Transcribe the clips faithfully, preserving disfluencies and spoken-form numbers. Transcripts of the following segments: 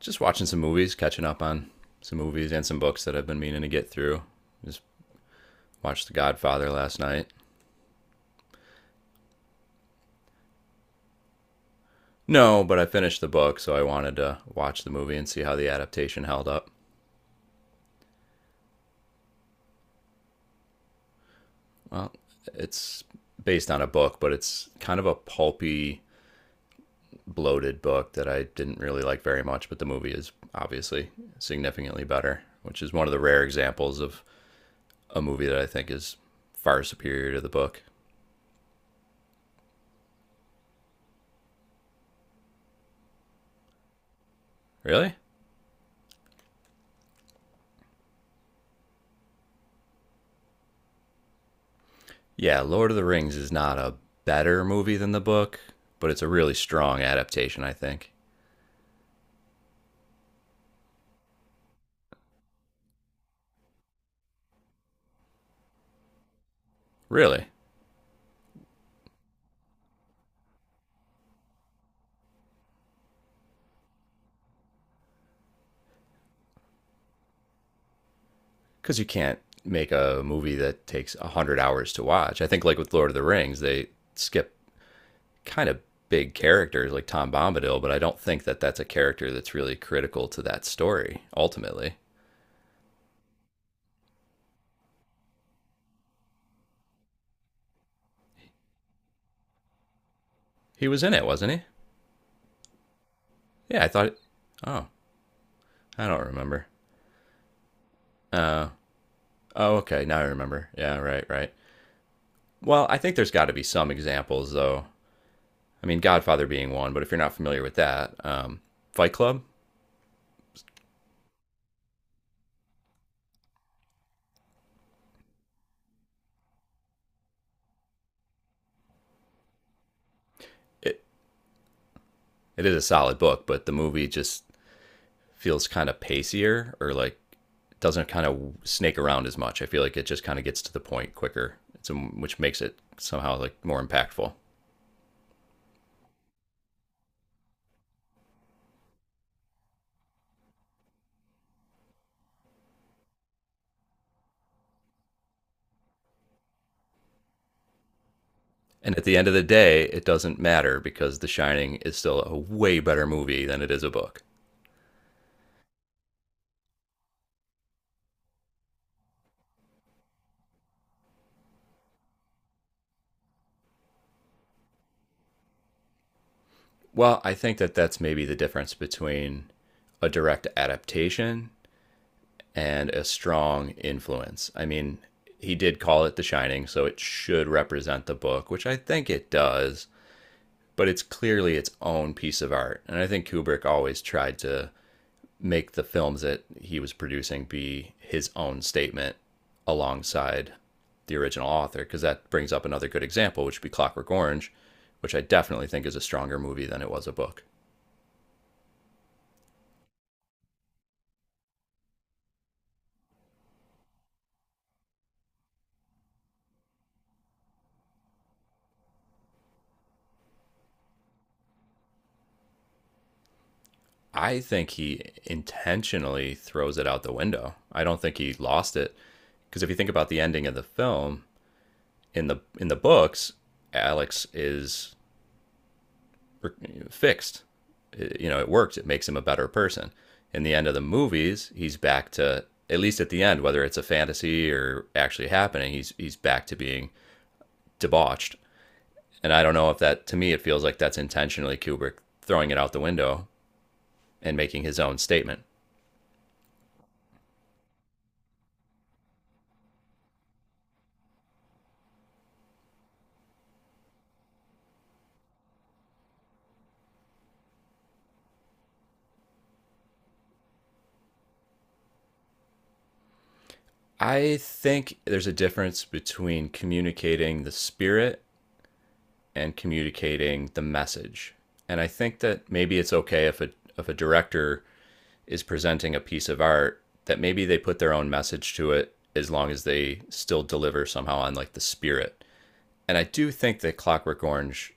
Just watching some movies, catching up on some movies and some books that I've been meaning to get through. Just watched The Godfather last night. No, but I finished the book, so I wanted to watch the movie and see how the adaptation held up. It's based on a book, but it's kind of a pulpy, bloated book that I didn't really like very much, but the movie is obviously significantly better, which is one of the rare examples of a movie that I think is far superior to the book. Really? Yeah, Lord of the Rings is not a better movie than the book, but it's a really strong adaptation, I think. Really? Because you can't make a movie that takes one hundred hours to watch. I think, like with Lord of the Rings, they skip kind of big characters like Tom Bombadil, but I don't think that that's a character that's really critical to that story, ultimately. He was in it, wasn't he? Yeah, I thought. It... Oh, I don't remember. Oh, okay, now I remember. Yeah, right, right. Well, I think there's got to be some examples, though, I mean, Godfather being one, but if you're not familiar with that, um, Fight Club, it, it is a solid book, but the movie just feels kind of pacier or like doesn't kind of snake around as much. I feel like it just kind of gets to the point quicker, it's a, which makes it somehow like more impactful. And at the end of the day, it doesn't matter because The Shining is still a way better movie than it is a book. Well, I think that that's maybe the difference between a direct adaptation and a strong influence. I mean, he did call it The Shining, so it should represent the book, which I think it does, but it's clearly its own piece of art. And I think Kubrick always tried to make the films that he was producing be his own statement alongside the original author, because that brings up another good example, which would be Clockwork Orange, which I definitely think is a stronger movie than it was a book. I think he intentionally throws it out the window. I don't think he lost it because if you think about the ending of the film in the in the books, Alex is fixed. It- you know, it works. It makes him a better person. In the end of the movies, he's back to at least at the end, whether it's a fantasy or actually happening, he's he's back to being debauched. And I don't know if that to me it feels like that's intentionally Kubrick throwing it out the window and making his own statement. I think there's a difference between communicating the spirit and communicating the message. And I think that maybe it's okay if a if a director is presenting a piece of art that maybe they put their own message to it as long as they still deliver somehow on like the spirit. And I do think that Clockwork Orange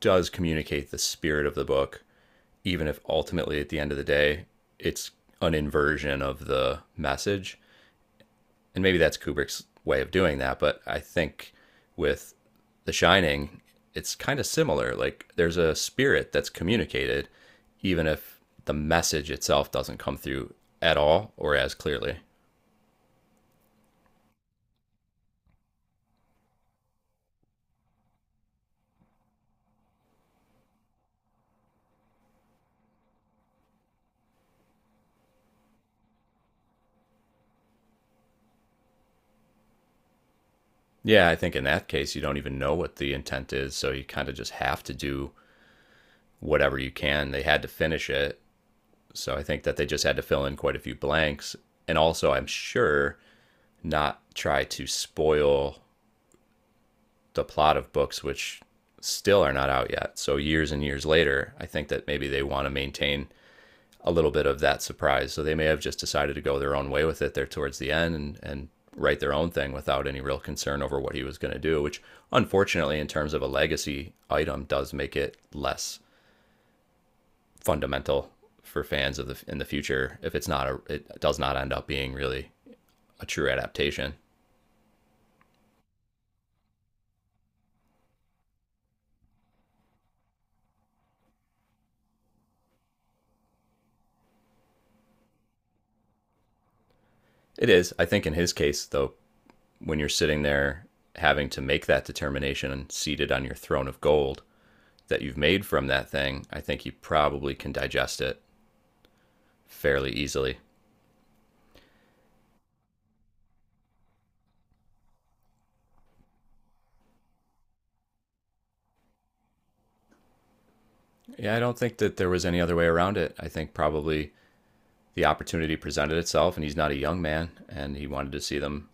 does communicate the spirit of the book, even if ultimately at the end of the day it's an inversion of the message. And maybe that's Kubrick's way of doing that, but I think with The Shining, it's kind of similar. Like there's a spirit that's communicated, even if the message itself doesn't come through at all or as clearly. Yeah, I think in that case, you don't even know what the intent is, so you kind of just have to do whatever you can. They had to finish it, so I think that they just had to fill in quite a few blanks. And also, I'm sure not try to spoil the plot of books which still are not out yet. So years and years later, I think that maybe they want to maintain a little bit of that surprise. So they may have just decided to go their own way with it there towards the end and and write their own thing without any real concern over what he was going to do, which unfortunately in terms of a legacy item does make it less fundamental for fans of the in the future if it's not a it does not end up being really a true adaptation. It is. I think in his case though when you're sitting there having to make that determination and seated on your throne of gold that you've made from that thing, I think you probably can digest it fairly easily. Yeah, I don't think that there was any other way around it. I think probably the opportunity presented itself, and he's not a young man, and he wanted to see them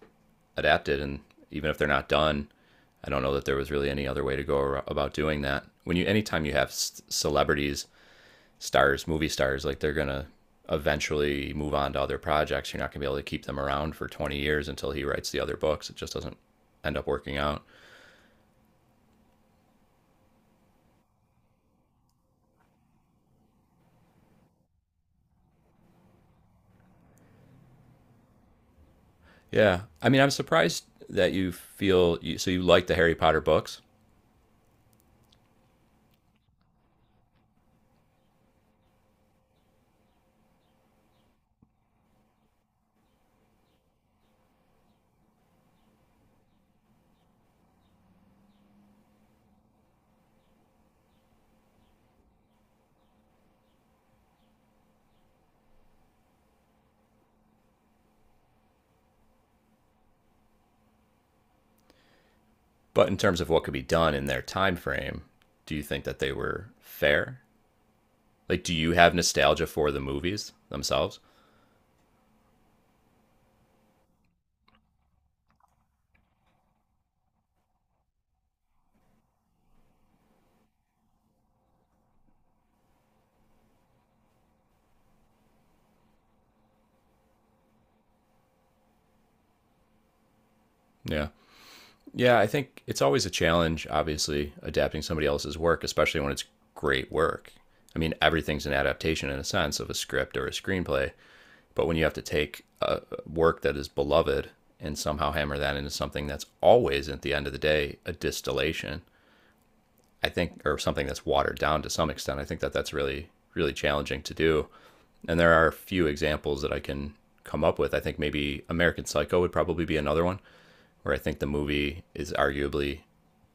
adapted. And even if they're not done, I don't know that there was really any other way to go about doing that. When you, anytime you have celebrities stars, movie stars, like they're gonna eventually move on to other projects. You're not gonna be able to keep them around for twenty years until he writes the other books. It just doesn't end up working out. Yeah, I mean, I'm surprised that you feel you, so you like the Harry Potter books, but in terms of what could be done in their time frame, do you think that they were fair? Like, do you have nostalgia for the movies themselves? Yeah. Yeah, I think it's always a challenge, obviously, adapting somebody else's work, especially when it's great work. I mean, everything's an adaptation in a sense of a script or a screenplay, but when you have to take a work that is beloved and somehow hammer that into something that's always, at the end of the day, a distillation, I think, or something that's watered down to some extent, I think that that's really, really challenging to do. And there are a few examples that I can come up with. I think maybe American Psycho would probably be another one, where I think the movie is arguably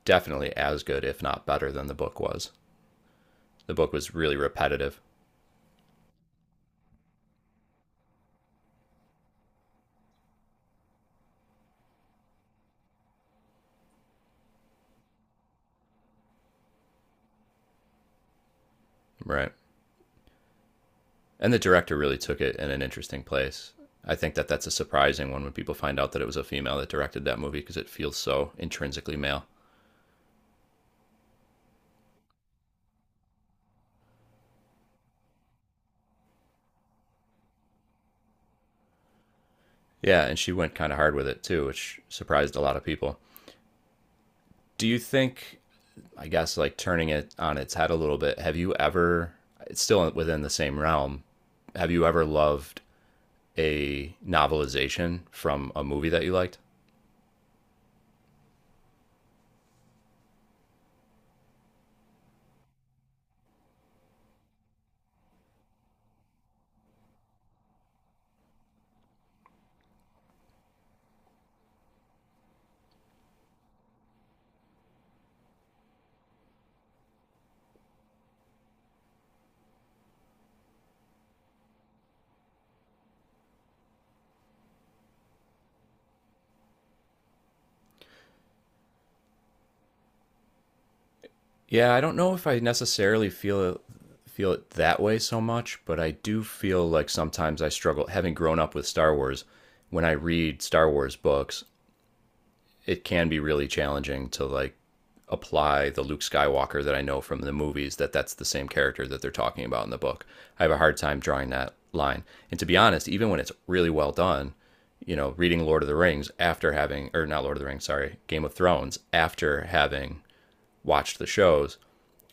definitely as good, if not better, than the book was. The book was really repetitive, right? And the director really took it in an interesting place. I think that that's a surprising one when people find out that it was a female that directed that movie because it feels so intrinsically male. Yeah, and she went kind of hard with it too, which surprised a lot of people. Do you think, I guess, like turning it on its head a little bit, have you ever, it's still within the same realm, have you ever loved a novelization from a movie that you liked? Yeah, I don't know if I necessarily feel it, feel it that way so much, but I do feel like sometimes I struggle having grown up with Star Wars. When I read Star Wars books, it can be really challenging to like apply the Luke Skywalker that I know from the movies that that's the same character that they're talking about in the book. I have a hard time drawing that line. And to be honest, even when it's really well done, you know, reading Lord of the Rings after having or not Lord of the Rings, sorry, Game of Thrones after having watched the shows,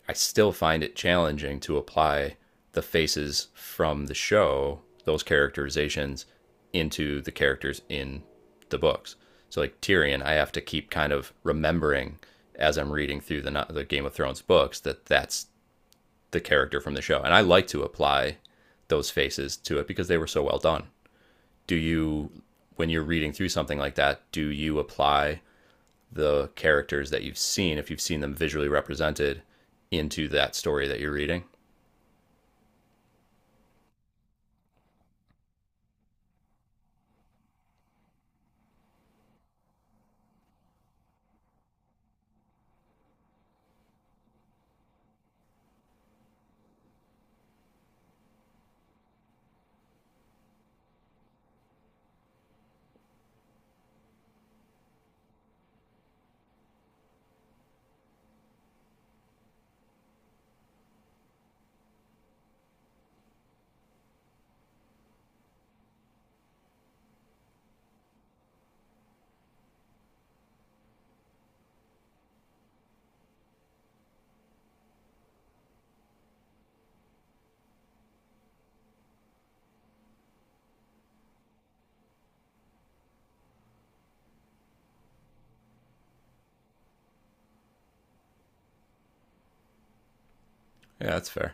I still find it challenging to apply the faces from the show, those characterizations, into the characters in the books. So like Tyrion, I have to keep kind of remembering as I'm reading through the no-, the Game of Thrones books that that's the character from the show, and I like to apply those faces to it because they were so well done. Do you, when you're reading through something like that, do you apply the characters that you've seen if you've seen them visually represented into that story that you're reading. Yeah, that's fair.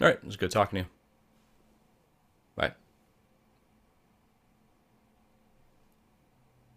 All right, it was good talking to you. Bye.